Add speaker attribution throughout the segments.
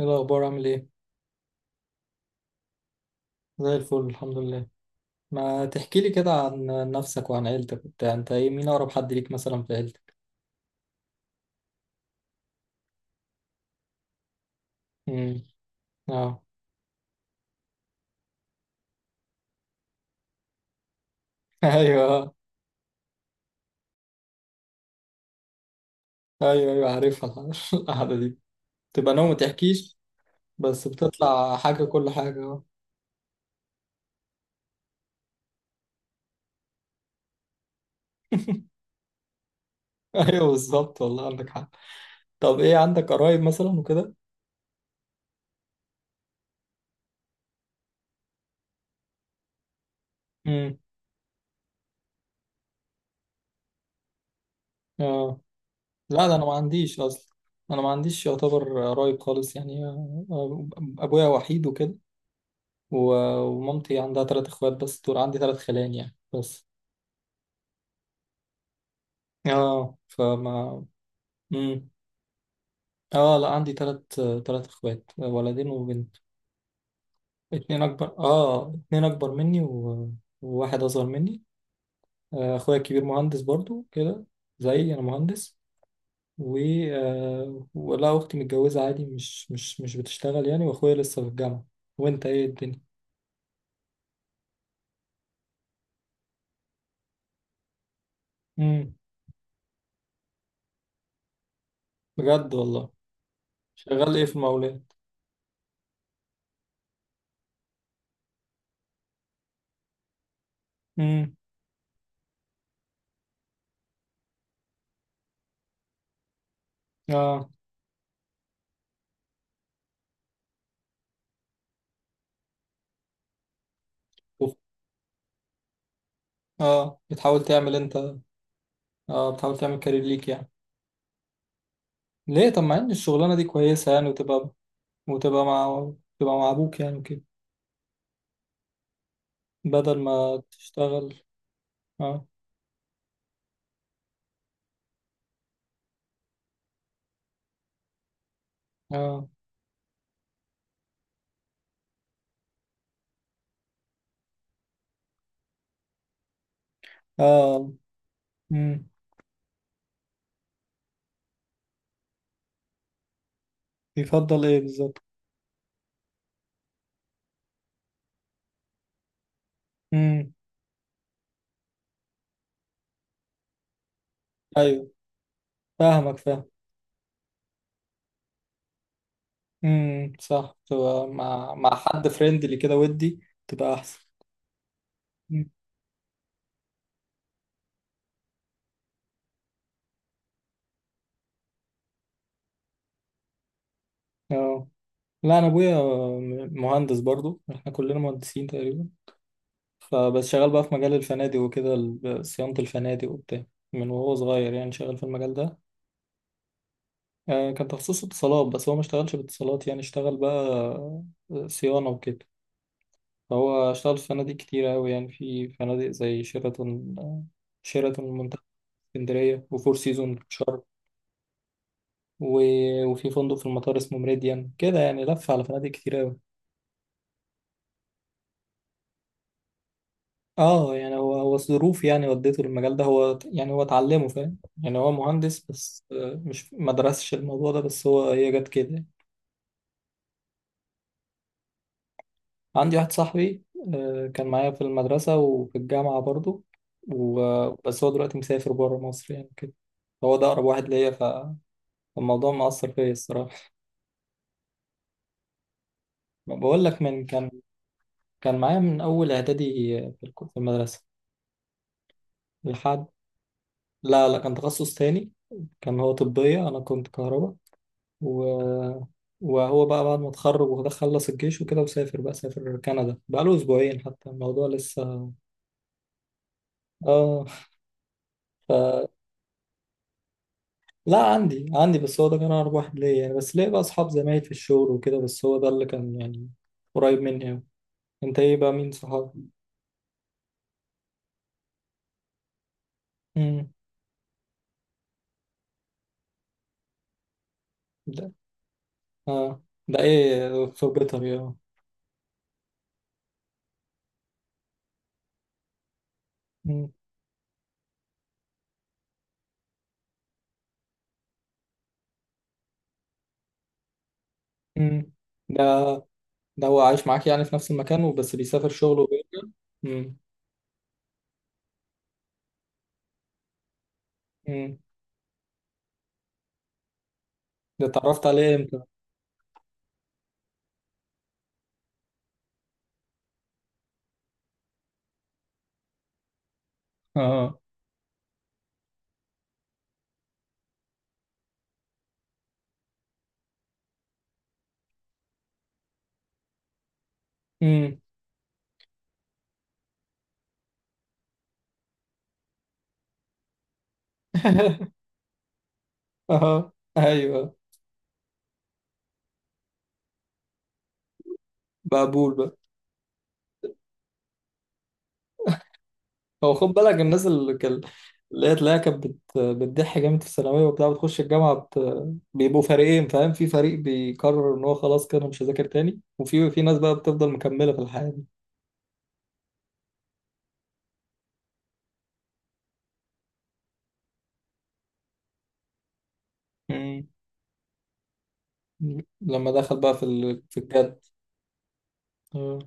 Speaker 1: ايه الاخبار؟ عامل ايه؟ زي الفل الحمد لله. ما تحكي لي كده عن نفسك وعن عيلتك وبتاع، انت ايه مين اقرب حد ليك مثلا في عيلتك؟ امم اه ايوه ايوه ايوه عارفها القعده دي تبقى نوم ما تحكيش. بس بتطلع حاجه، كل حاجه اه. ايوه بالظبط، والله عندك حق. طب ايه، عندك قرايب مثلا وكده؟ امم اه، لا ده انا ما عنديش اصلا، انا ما عنديش يعتبر قرايب خالص يعني. آه، آه، ابويا وحيد وكده، ومامتي عندها تلات اخوات بس، دول عندي تلات خلان يعني بس. اه فما. مم. اه لا، عندي تلات، تلات اخوات، ولدين وبنت. اتنين اكبر، اه اتنين اكبر مني وواحد اصغر مني. آه، اخويا الكبير مهندس برضو كده، زيي انا مهندس. و آه، ولا اختي متجوزة عادي، مش بتشتغل يعني، واخويا لسه في الجامعة. وانت ايه الدنيا؟ امم بجد والله. شغال ايه في المقاولات؟ امم اه. أوف. اه بتحاول تعمل انت، اه بتحاول تعمل كارير ليك يعني؟ ليه؟ طب مع ان الشغلانه دي كويسه يعني، وتبقى، وتبقى مع، تبقى مع ابوك يعني وكده، بدل ما تشتغل. اه. اه. اه. امم. يفضل ايه بالظبط؟ امم. ايوه، فاهم. صح، تبقى مع، مع حد فريندلي كده، ودي تبقى احسن. مم. اه لا انا ابويا مهندس برضو، احنا كلنا مهندسين تقريبا. فبس شغال بقى في مجال الفنادق وكده، صيانة الفنادق وبتاع. من وهو صغير يعني شغال في المجال ده. آه، كان تخصص اتصالات بس هو ما اشتغلش باتصالات، يعني اشتغل بقى آه، صيانة وكده. فهو اشتغل في فنادق كتير أوي، يعني في فنادق زي شيراتون آه، شيراتون منتخب اسكندرية، وفور سيزون شرم، وفي فندق في المطار اسمه ميريديان كده، يعني لف على فنادق كتير أوي. اه يعني، هو الظروف يعني ودته للمجال ده، هو يعني هو اتعلمه فاهم. يعني هو مهندس بس آه، مش ما درسش الموضوع ده، بس هو هي جت كده. عندي واحد صاحبي آه، كان معايا في المدرسة وفي الجامعة برضو، بس هو دلوقتي مسافر بره مصر يعني كده. هو ده أقرب واحد ليا، فالموضوع مأثر فيا الصراحة. بقول لك، من كان، كان معايا من أول إعدادي، في في المدرسة. لحد، لا لا، كان تخصص تاني. كان هو طبية، أنا كنت كهرباء و... وهو بقى بعد ما اتخرج وده خلص الجيش وكده، وسافر بقى، سافر كندا، بقاله أسبوعين حتى الموضوع لسه. آه لا، عندي بس هو ده كان أقرب واحد ليا يعني، بس ليه بقى أصحاب زمايل في الشغل وكده، بس هو ده اللي كان يعني قريب مني أوي. أنت إيه بقى، مين صحابك؟ امم. ده آه. ده إيه، دكتور بيطري؟ آه. امم. امم. ده، ده هو عايش معاك يعني في نفس المكان، وبس بيسافر شغله وبيرجع؟ امم. امم. ده اتعرفت عليه إمتى؟ آه. امم. آه. أيوه. مقبول. هو خد بالك، الناس اللي كان، اللي هي تلاقيها كانت بتضح جامد في الثانويه وبتاع، بتخش الجامعه بيبقوا فريقين فاهم، في فريق بيقرر ان هو خلاص كده أنا مش هذاكر تاني، وفي ناس بقى بتفضل مكمله في الحياه دي. مم. لما دخل بقى في ال... في الجد. اه.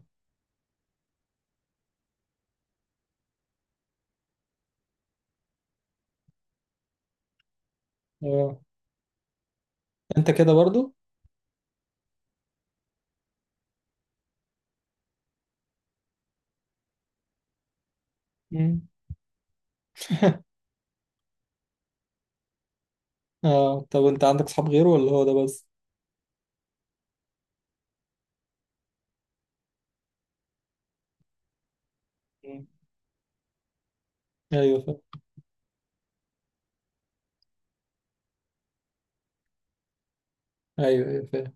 Speaker 1: اه. انت كده برضو. مم. اه طب انت عندك صحاب غيره، ولا هو ده بس؟ مم. ايوه فاهم. ايوه ايوه فاهم.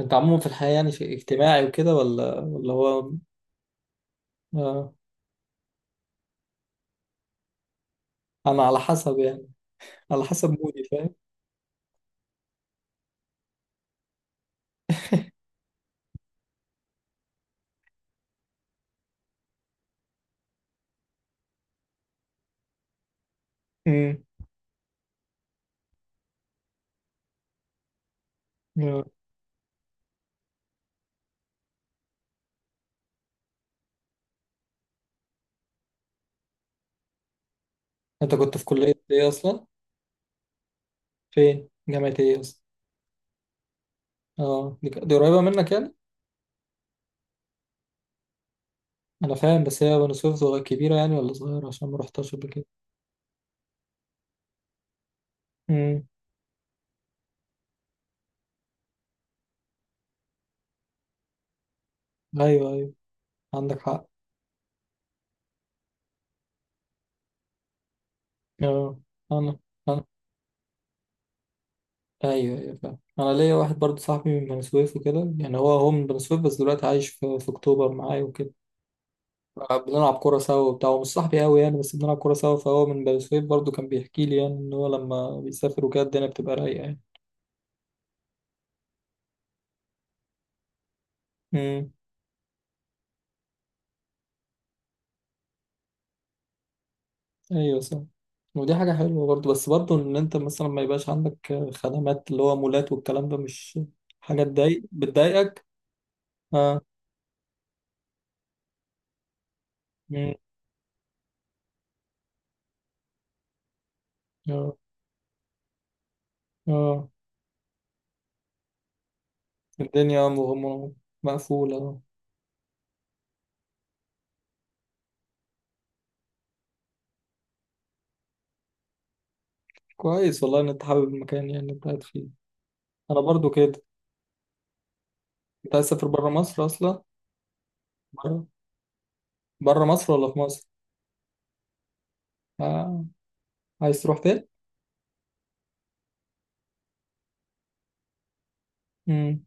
Speaker 1: انت عموما في الحياه يعني شيء اجتماعي وكده، ولا هو، آه. انا على حسب يعني، على حسب مودي فاهم. مم. آه. انت كنت في كلية ايه اصلا؟ فين؟ جامعة ايه اصلا؟ اه دي قريبة منك يعني؟ انا فاهم بس هي بني سويف صغيرة كبيرة يعني، ولا صغيرة؟ عشان ما رحتهاش قبل كده. امم. ايوه ايوه عندك حق. اه. انا انا ايوه ايوه فاهم، انا ليا واحد برضه صاحبي من بني سويف وكده، يعني هو من بني سويف، بس دلوقتي عايش في اكتوبر معايا وكده. بنلعب كورة سوا وبتاع، هو مش صاحبي قوي يعني، بس بنلعب كورة سوا، فهو من بني سويف برضه، كان بيحكي لي يعني ان هو لما بيسافر وكده الدنيا بتبقى رايقة يعني. امم. ايوه صح. ودي حاجة حلوة برضو، بس برضو ان انت مثلا ما يبقاش عندك خدمات اللي هو مولات والكلام ده، مش حاجة تضايق، بتضايقك؟ اه. مم. اه. اه. الدنيا مغمورة، مقفولة آه. كويس والله ان انت حابب المكان يعني اللي انت قاعد فيه. انا برضو كده. انت عايز تسافر برا مصر اصلا؟ برا، برا مصر ولا في مصر؟ آه. عايز تروح فين؟ مم.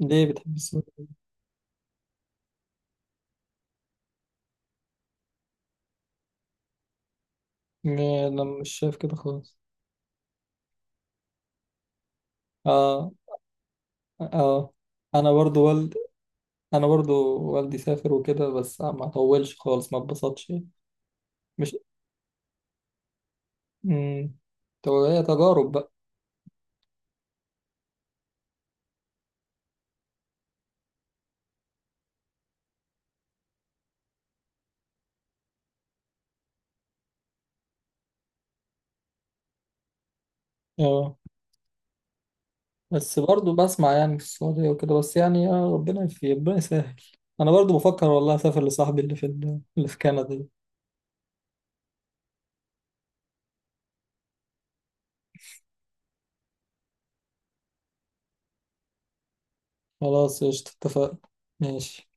Speaker 1: ليه بتحب السفر؟ م- انا مش شايف كده خالص. اه. اه. انا برضو، انا برضو والدي سافر وكده بس ما طولش خالص، ما اتبسطش يعني. مش، امم، هي تجارب بقى. اه بس برضو بسمع يعني في السعودية وكده، بس يعني يا ربنا يفي، ربنا يسهل. انا برضو بفكر والله اسافر لصاحبي اللي في اللي في كندا دي. خلاص قشطة، اتفقنا. ماشي.